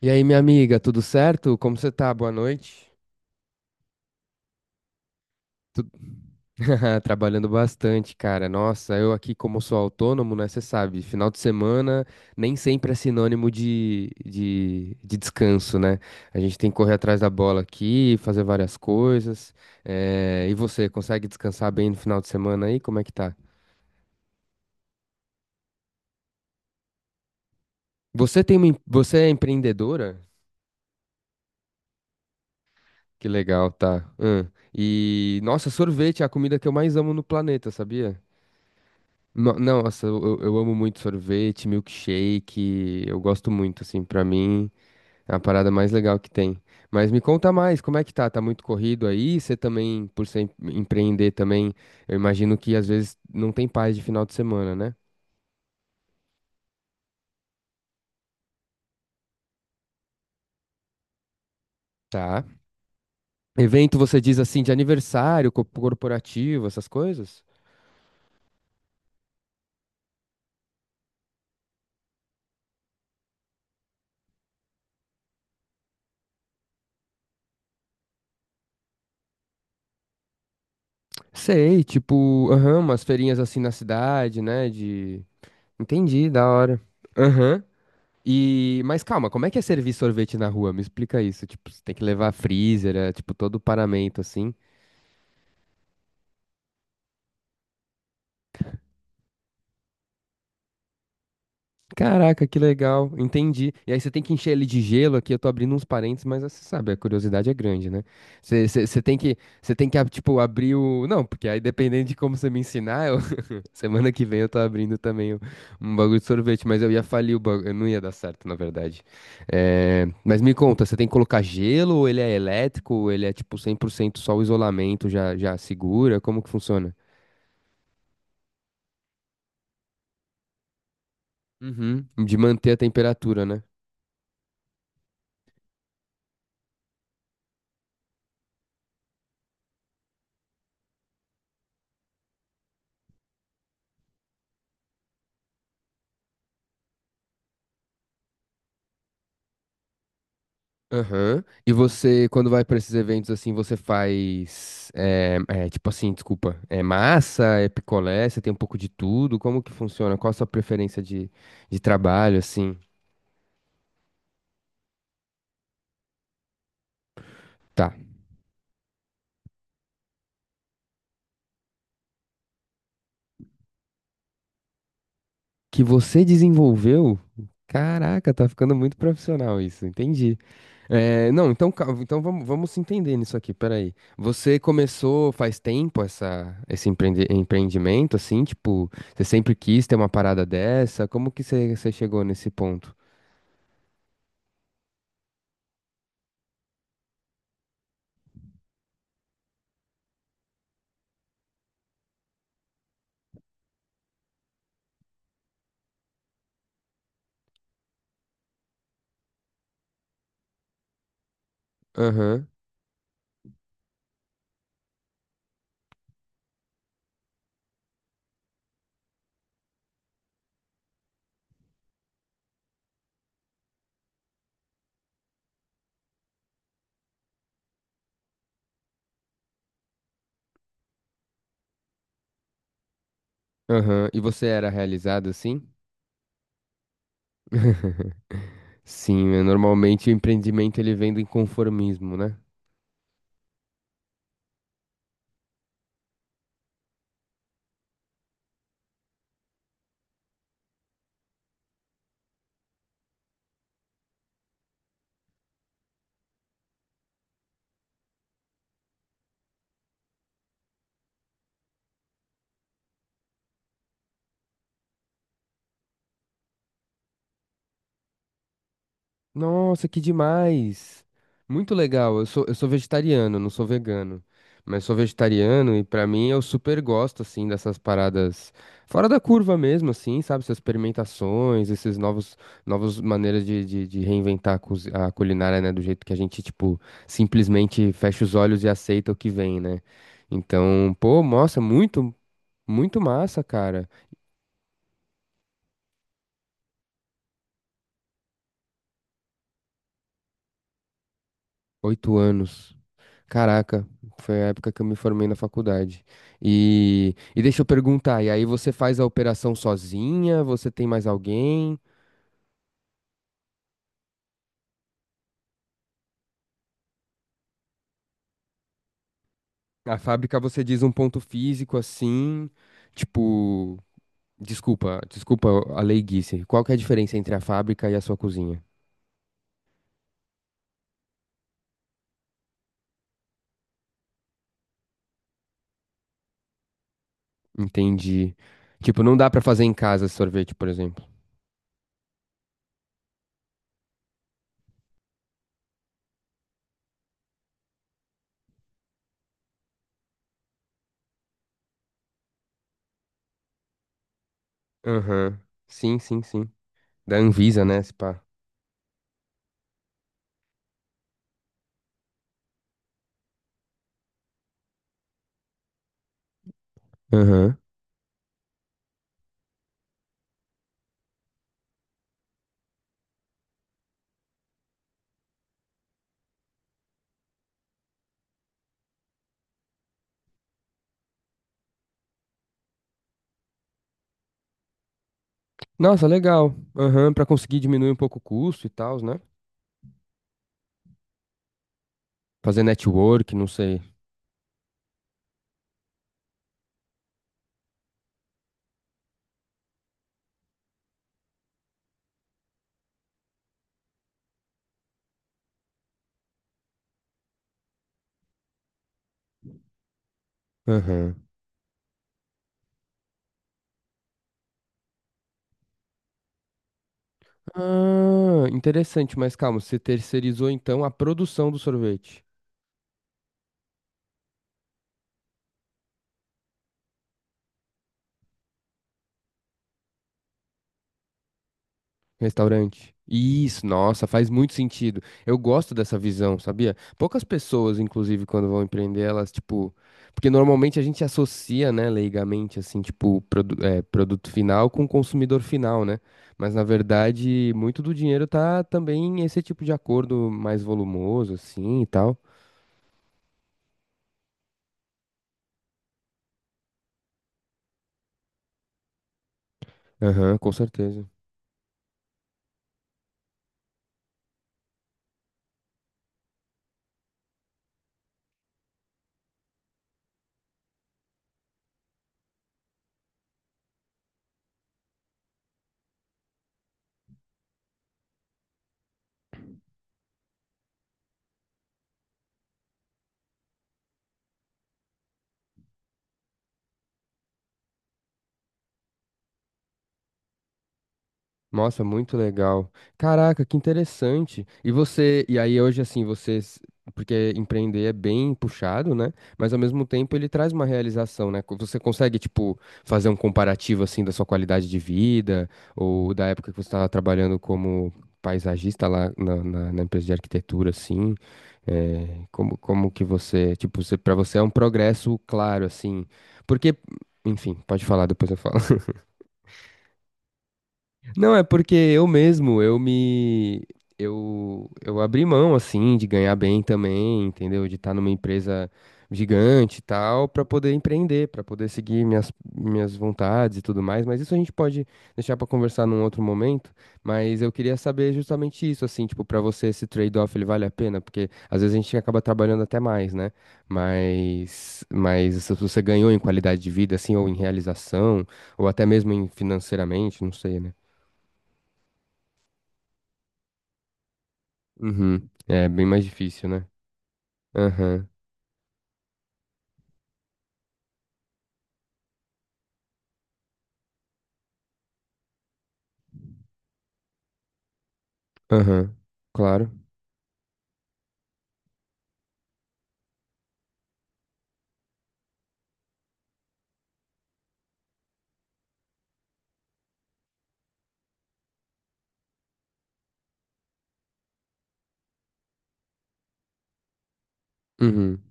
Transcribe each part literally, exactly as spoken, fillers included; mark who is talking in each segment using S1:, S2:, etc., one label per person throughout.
S1: E aí, minha amiga, tudo certo? Como você tá? Boa noite. Tu- Trabalhando bastante, cara. Nossa, eu aqui, como sou autônomo, né? Você sabe, final de semana nem sempre é sinônimo de, de, de descanso, né? A gente tem que correr atrás da bola aqui, fazer várias coisas. Eh, E você, consegue descansar bem no final de semana aí? Como é que tá? Você tem uma... em- Você é empreendedora? Que legal, tá. Hum. E, nossa, sorvete é a comida que eu mais amo no planeta, sabia? No- Não, nossa, eu, eu eu amo muito sorvete, milkshake, eu gosto muito, assim, pra mim é a parada mais legal que tem. Mas me conta mais, como é que tá? Tá muito corrido aí? Você também, por ser em- empreender também, eu imagino que às vezes não tem paz de final de semana, né? Tá. Evento, você diz assim, de aniversário, co- corporativo, essas coisas? Sei, tipo, aham, umas feirinhas assim na cidade, né? De... Entendi, da hora. Aham. E, mas calma, como é que é servir sorvete na rua? Me explica isso. Tipo, você tem que levar freezer, é, tipo, todo o paramento assim. Caraca, que legal, entendi. E aí você tem que encher ele de gelo aqui. Eu tô abrindo uns parênteses, mas você sabe, a curiosidade é grande, né? Você você- você tem que, você tem que, ah, tipo, abrir o. Não, porque aí dependendo de como você me ensinar, eu, semana que vem eu tô abrindo também um, um bagulho de sorvete, mas eu ia falir o bagulho, eu não ia dar certo, na verdade. É, mas me conta, você tem que colocar gelo ou ele é elétrico, ou ele é tipo cem por cento só o isolamento já, já segura? Como que funciona? Uhum, de manter a temperatura, né? Aham. E você, quando vai pra esses eventos assim, você faz, é, é, tipo assim, desculpa, é massa, é picolé, você tem um pouco de tudo, como que funciona? Qual a sua preferência de, de trabalho, assim? Tá. Que você desenvolveu? Caraca, tá ficando muito profissional isso, entendi. É, não, então, cal- então vamos, vamos se entender nisso aqui, peraí. Você começou faz tempo essa, esse empreende- empreendimento, assim, tipo, você sempre quis ter uma parada dessa? Como que você, você chegou nesse ponto? Aham, aham. E você era realizado assim? Sim, é, normalmente o empreendimento ele vem do inconformismo, né? Nossa, que demais! Muito legal. Eu sou, eu sou vegetariano, não sou vegano. Mas sou vegetariano e pra mim eu super gosto, assim, dessas paradas fora da curva mesmo, assim, sabe? Essas experimentações, esses novos, novas maneiras de, de, de reinventar a, cozi- a culinária, né? Do jeito que a gente, tipo, simplesmente fecha os olhos e aceita o que vem, né? Então, pô, nossa, muito, muito massa, cara. Oito anos. Caraca, foi a época que eu me formei na faculdade. E, e deixa eu perguntar, e aí você faz a operação sozinha? Você tem mais alguém? A fábrica você diz um ponto físico assim, tipo, desculpa, desculpa a leiguice. Qual que é a diferença entre a fábrica e a sua cozinha? Entendi. Tipo, não dá pra fazer em casa esse sorvete, por exemplo. Aham. Sim, sim, sim. Da Anvisa, né, se pá. Aham. Nossa, legal. Aham, pra conseguir diminuir um pouco o custo e tal, né? Fazer network, não sei. Aham. Ah, interessante, mas calma, você terceirizou então a produção do sorvete, restaurante. Isso, nossa, faz muito sentido. Eu gosto dessa visão, sabia? Poucas pessoas, inclusive, quando vão empreender, elas, tipo. Porque normalmente a gente associa, né, leigamente, assim, tipo, produ- é, produto final com consumidor final, né? Mas na verdade, muito do dinheiro tá também esse tipo de acordo mais volumoso, assim e tal. Aham, com certeza. Nossa, muito legal. Caraca, que interessante. E você, e aí hoje assim, vocês, porque empreender é bem puxado, né? Mas ao mesmo tempo ele traz uma realização, né? Co- Você consegue, tipo, fazer um comparativo assim da sua qualidade de vida ou da época que você estava trabalhando como paisagista lá na, na- na empresa de arquitetura, assim, é, como, como que você, tipo, você, para você é um progresso claro, assim, porque, enfim, pode falar, depois eu falo. Não, é porque eu mesmo, eu me. Eu, eu abri mão, assim, de ganhar bem também, entendeu? De estar numa empresa gigante e tal, para poder empreender, para poder seguir minhas, minhas vontades e tudo mais. Mas isso a gente pode deixar para conversar num outro momento. Mas eu queria saber justamente isso, assim, tipo, para você esse trade-off ele vale a pena? Porque às vezes a gente acaba trabalhando até mais, né? Mas, mas se você ganhou em qualidade de vida, assim, ou em realização, ou até mesmo em financeiramente, não sei, né? Uhum. É bem mais difícil, né? Aham, aham, claro. Uhum.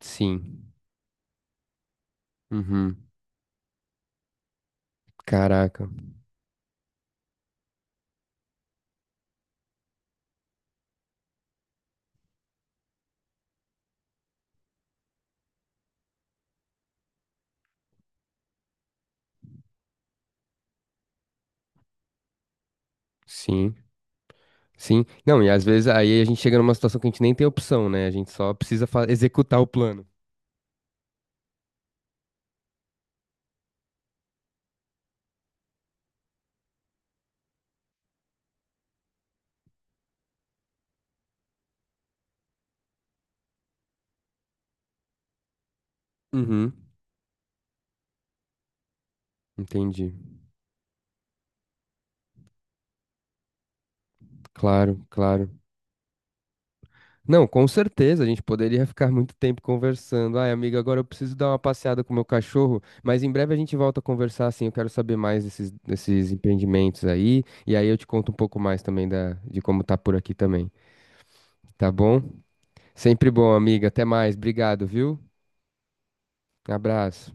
S1: Sim. Uhum. Caraca. Sim, sim. Não, e às vezes aí a gente chega numa situação que a gente nem tem opção, né? A gente só precisa fa- executar o plano. Uhum. Entendi. Claro, claro. Não, com certeza, a gente poderia ficar muito tempo conversando. Ai, amiga, agora eu preciso dar uma passeada com o meu cachorro, mas em breve a gente volta a conversar, assim, eu quero saber mais desses, desses empreendimentos aí, e aí eu te conto um pouco mais também da, de como tá por aqui também, tá bom? Sempre bom, amiga, até mais, obrigado, viu? Abraço.